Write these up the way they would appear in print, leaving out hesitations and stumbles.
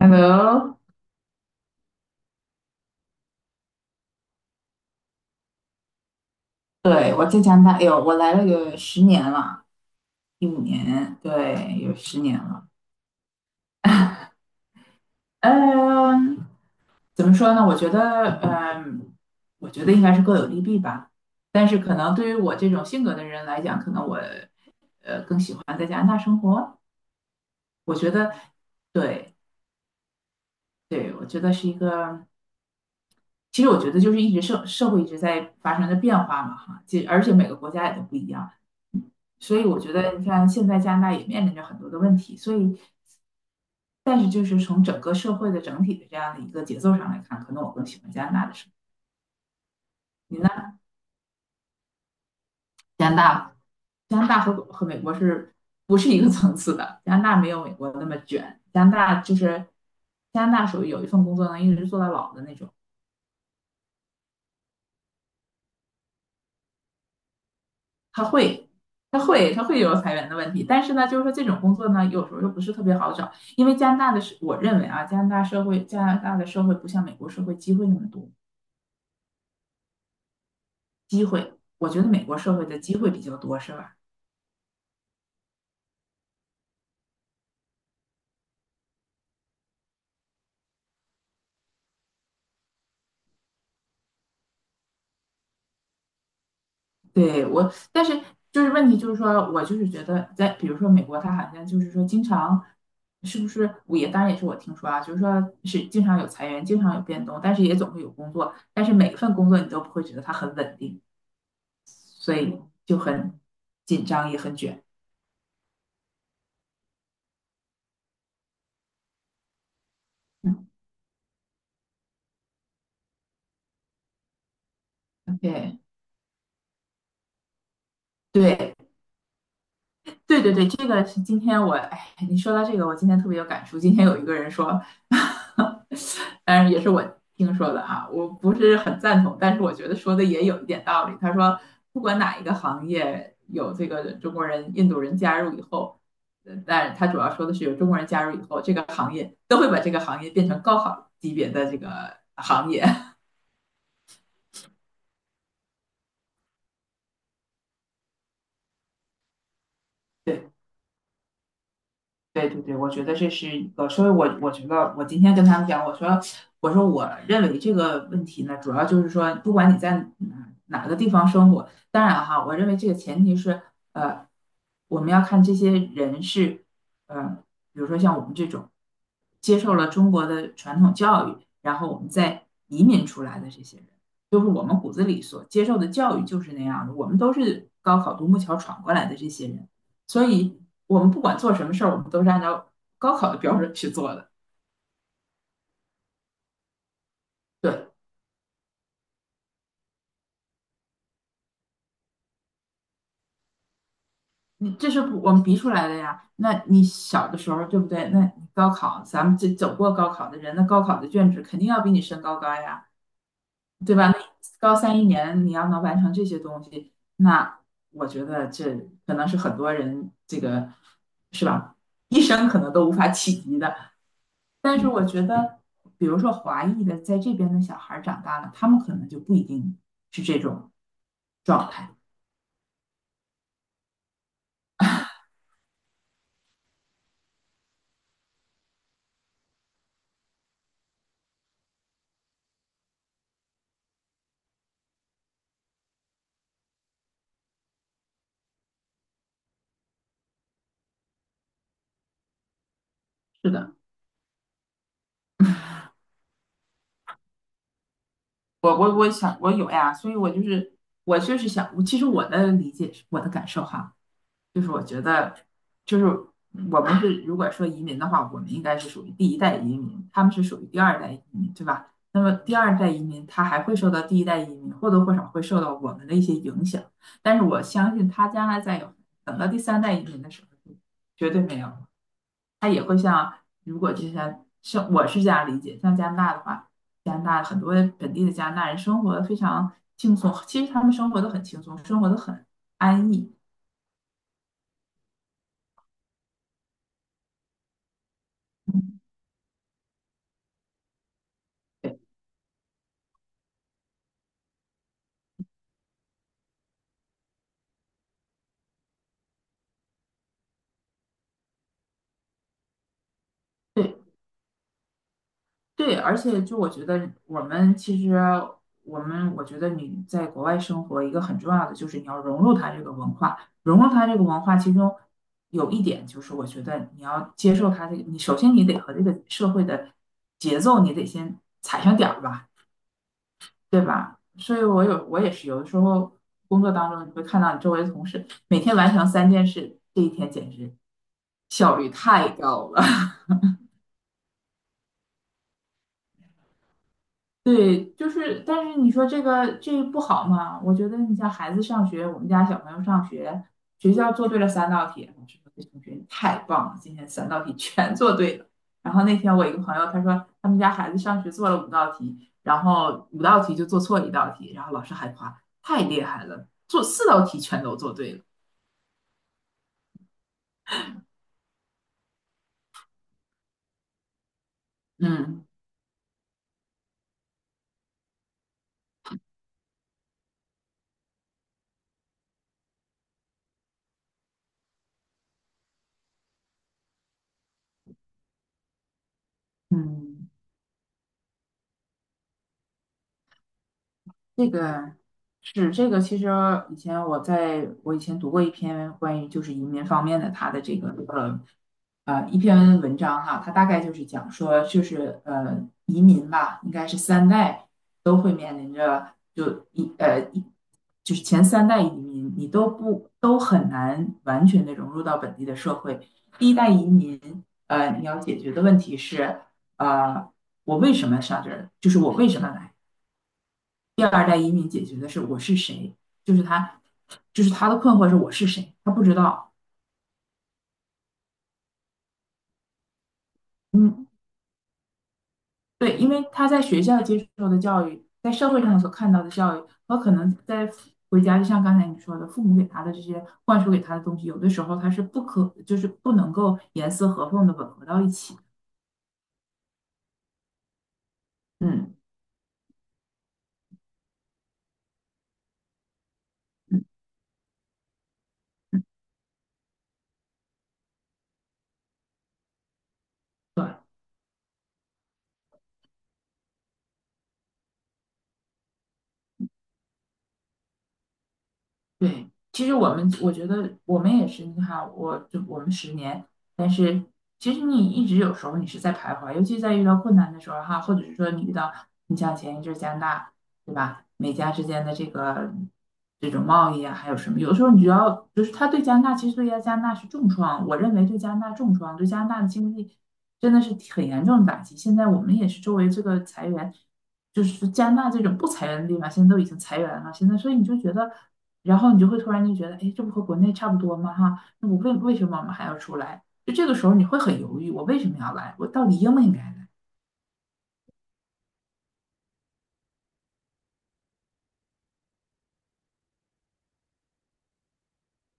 Hello，对，我在加拿大，哎呦，我来了有十年了，15年，对，有十年了。嗯，怎么说呢？我觉得应该是各有利弊吧。但是可能对于我这种性格的人来讲，可能我，更喜欢在加拿大生活。我觉得，对，对，我觉得是一个，其实我觉得就是一直社会一直在发生着变化嘛，哈，其实而且每个国家也都不一样。所以我觉得，你看现在加拿大也面临着很多的问题，但是就是从整个社会的整体的这样的一个节奏上来看，可能我更喜欢加拿大的生活。你呢？加拿大，加拿大和美国是不是一个层次的？加拿大没有美国那么卷，加拿大属于有一份工作能一直做到老的那种。他会。他会有裁员的问题，但是呢，就是说这种工作呢，有时候又不是特别好找，因为加拿大的社，我认为啊，加拿大的社会不像美国社会机会那么多。机会，我觉得美国社会的机会比较多，是吧？对，但是就是问题就是说，我就是觉得在比如说美国，它好像就是说经常是不是我，也当然也是我听说啊，就是说是经常有裁员，经常有变动，但是也总会有工作，但是每一份工作你都不会觉得它很稳定，所以就很紧张也很卷。嗯，OK,对对。对对对，这个是今天我，哎，你说到这个，我今天特别有感触。今天有一个人说，当然也是我听说的啊，我不是很赞同，但是我觉得说的也有一点道理。他说，不管哪一个行业有这个中国人、印度人加入以后，但他主要说的是有中国人加入以后，这个行业都会把这个行业变成高考级别的这个行业。对。对对对，我觉得这是一个，所以我觉得我今天跟他们讲，我说我认为这个问题呢，主要就是说，不管你在哪个地方生活，当然哈，我认为这个前提是，呃，我们要看这些人是，呃，比如说像我们这种接受了中国的传统教育，然后我们再移民出来的这些人，就是我们骨子里所接受的教育就是那样的，我们都是高考独木桥闯过来的这些人。所以我们不管做什么事儿，我们都是按照高考的标准去做的。对，你这是我们逼出来的呀。那你小的时候，对不对？那你高考，咱们这走过高考的人，那高考的卷子肯定要比你身高高呀，对吧？那高三一年你要能完成这些东西，那我觉得这可能是很多人这个是吧，一生可能都无法企及的。但是我觉得，比如说华裔的在这边的小孩儿长大了，他们可能就不一定是这种状态。是的，我想我有呀，所以我就是想，我其实我的理解是我的感受哈，就是我觉得，就是我们是如果说移民的话，我们应该是属于第一代移民，他们是属于第二代移民，对吧？那么第二代移民他还会受到第一代移民，或多或少会受到我们的一些影响，但是我相信他将来再有等到第三代移民的时候，绝对没有，他也会像如果就像我是这样理解，像加拿大的话，加拿大很多本地的加拿大人生活得非常轻松，其实他们生活的很轻松，生活的很安逸。嗯，对对，对，而且就我觉得我们其实我觉得你在国外生活一个很重要的就是你要融入它这个文化，融入它这个文化，其中有一点就是我觉得你要接受它这个，你首先你得和这个社会的节奏你得先踩上点儿吧，对吧？所以我也是有的时候工作当中你会看到你周围的同事每天完成3件事，这一天简直效率太高了。对，就是，但是你说这个这不好嘛？我觉得你像孩子上学，我们家小朋友上学，学校做对了三道题，老师说这同学你太棒了，今天三道题 全做对了。然后那天我一个朋友他说他们家孩子上学做了五道题，然后五道题就做错一道题，然后老师还夸太厉害了，做4道题全都做对了。嗯嗯，这个是这个，其实以前我以前读过一篇关于就是移民方面的他的这个一篇文章哈，他大概就是讲说就是移民吧，应该是三代都会面临着就一呃一就是前3代移民你都不都很难完全的融入到本地的社会。第一代移民你要解决的问题是呃我为什么上这儿，就是我为什么来。第二代移民解决的是我是谁，就是他，就是他的困惑是我是谁，他不知道。嗯，对，因为他在学校接受的教育，在社会上所看到的教育，和可能在回家，就像刚才你说的，父母给他的这些灌输给他的东西，有的时候他是不可，就是不能够严丝合缝的吻合到一起。嗯嗯，对。对，其实我觉得我们也是，你看，我就我们十年，但是其实你一直有时候你是在徘徊，尤其在遇到困难的时候哈，或者是说你遇到你像前一阵儿加拿大，对吧？美加之间的这个这种贸易啊，还有什么？有的时候你只要就是他对加拿大，其实对加拿大是重创，我认为对加拿大重创，对加拿大的经济真的是很严重的打击。现在我们也是周围这个裁员，就是加拿大这种不裁员的地方，现在都已经裁员了，现在所以你就觉得。然后你就会突然就觉得，哎，这不和国内差不多吗？哈，那我为什么我们还要出来？就这个时候你会很犹豫，我为什么要来？我到底应不应该来？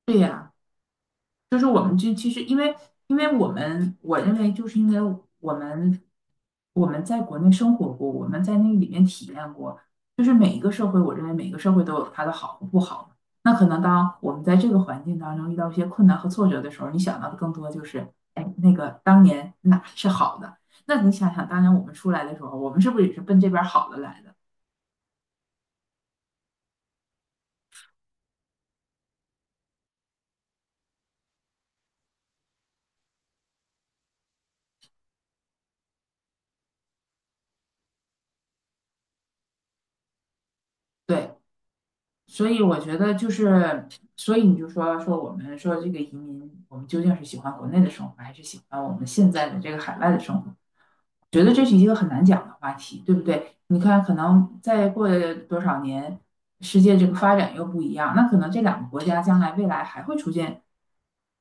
对呀。就是我们这其实因为我认为就是因为我们我们在国内生活过，我们在那里面体验过，就是每一个社会，我认为每个社会都有它的好和不好。那可能当我们在这个环境当中遇到一些困难和挫折的时候，你想到的更多就是，哎，那个当年哪是好的？那你想想，当年我们出来的时候，我们是不是也是奔这边好的来的？对，所以我觉得就是，所以你就说我们说这个移民，我们究竟是喜欢国内的生活，还是喜欢我们现在的这个海外的生活？觉得这是一个很难讲的话题，对不对？你看，可能再过多少年，世界这个发展又不一样，那可能这两个国家将来未来还会出现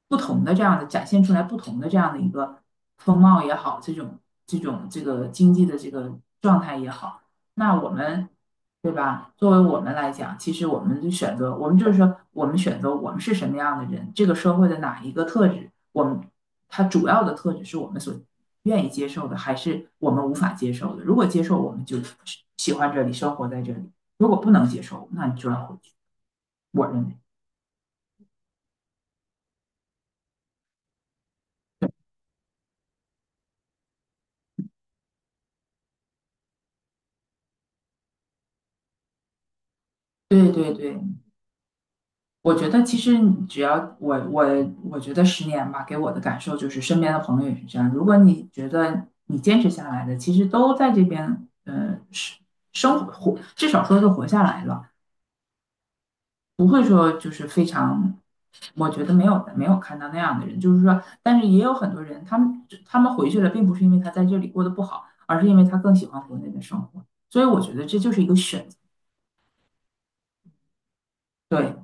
不同的这样的，展现出来不同的这样的一个风貌也好，这种这个经济的这个状态也好，那我们，对吧？作为我们来讲，其实我们就选择，我们就是说，我们选择我们是什么样的人，这个社会的哪一个特质，我们它主要的特质是我们所愿意接受的，还是我们无法接受的。如果接受，我们就喜欢这里，生活在这里；如果不能接受，那你就要回去。我认为，对对对，我觉得其实只要我觉得十年吧，给我的感受就是身边的朋友也是这样。如果你觉得你坚持下来的，其实都在这边，是生活，至少说是活下来了。不会说就是非常，我觉得没有看到那样的人，就是说，但是也有很多人，他们回去了，并不是因为他在这里过得不好，而是因为他更喜欢国内的生活，所以我觉得这就是一个选择。对，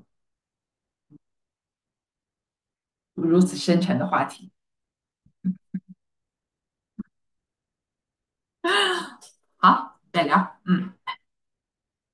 如此深沉的话题，好，再聊，嗯。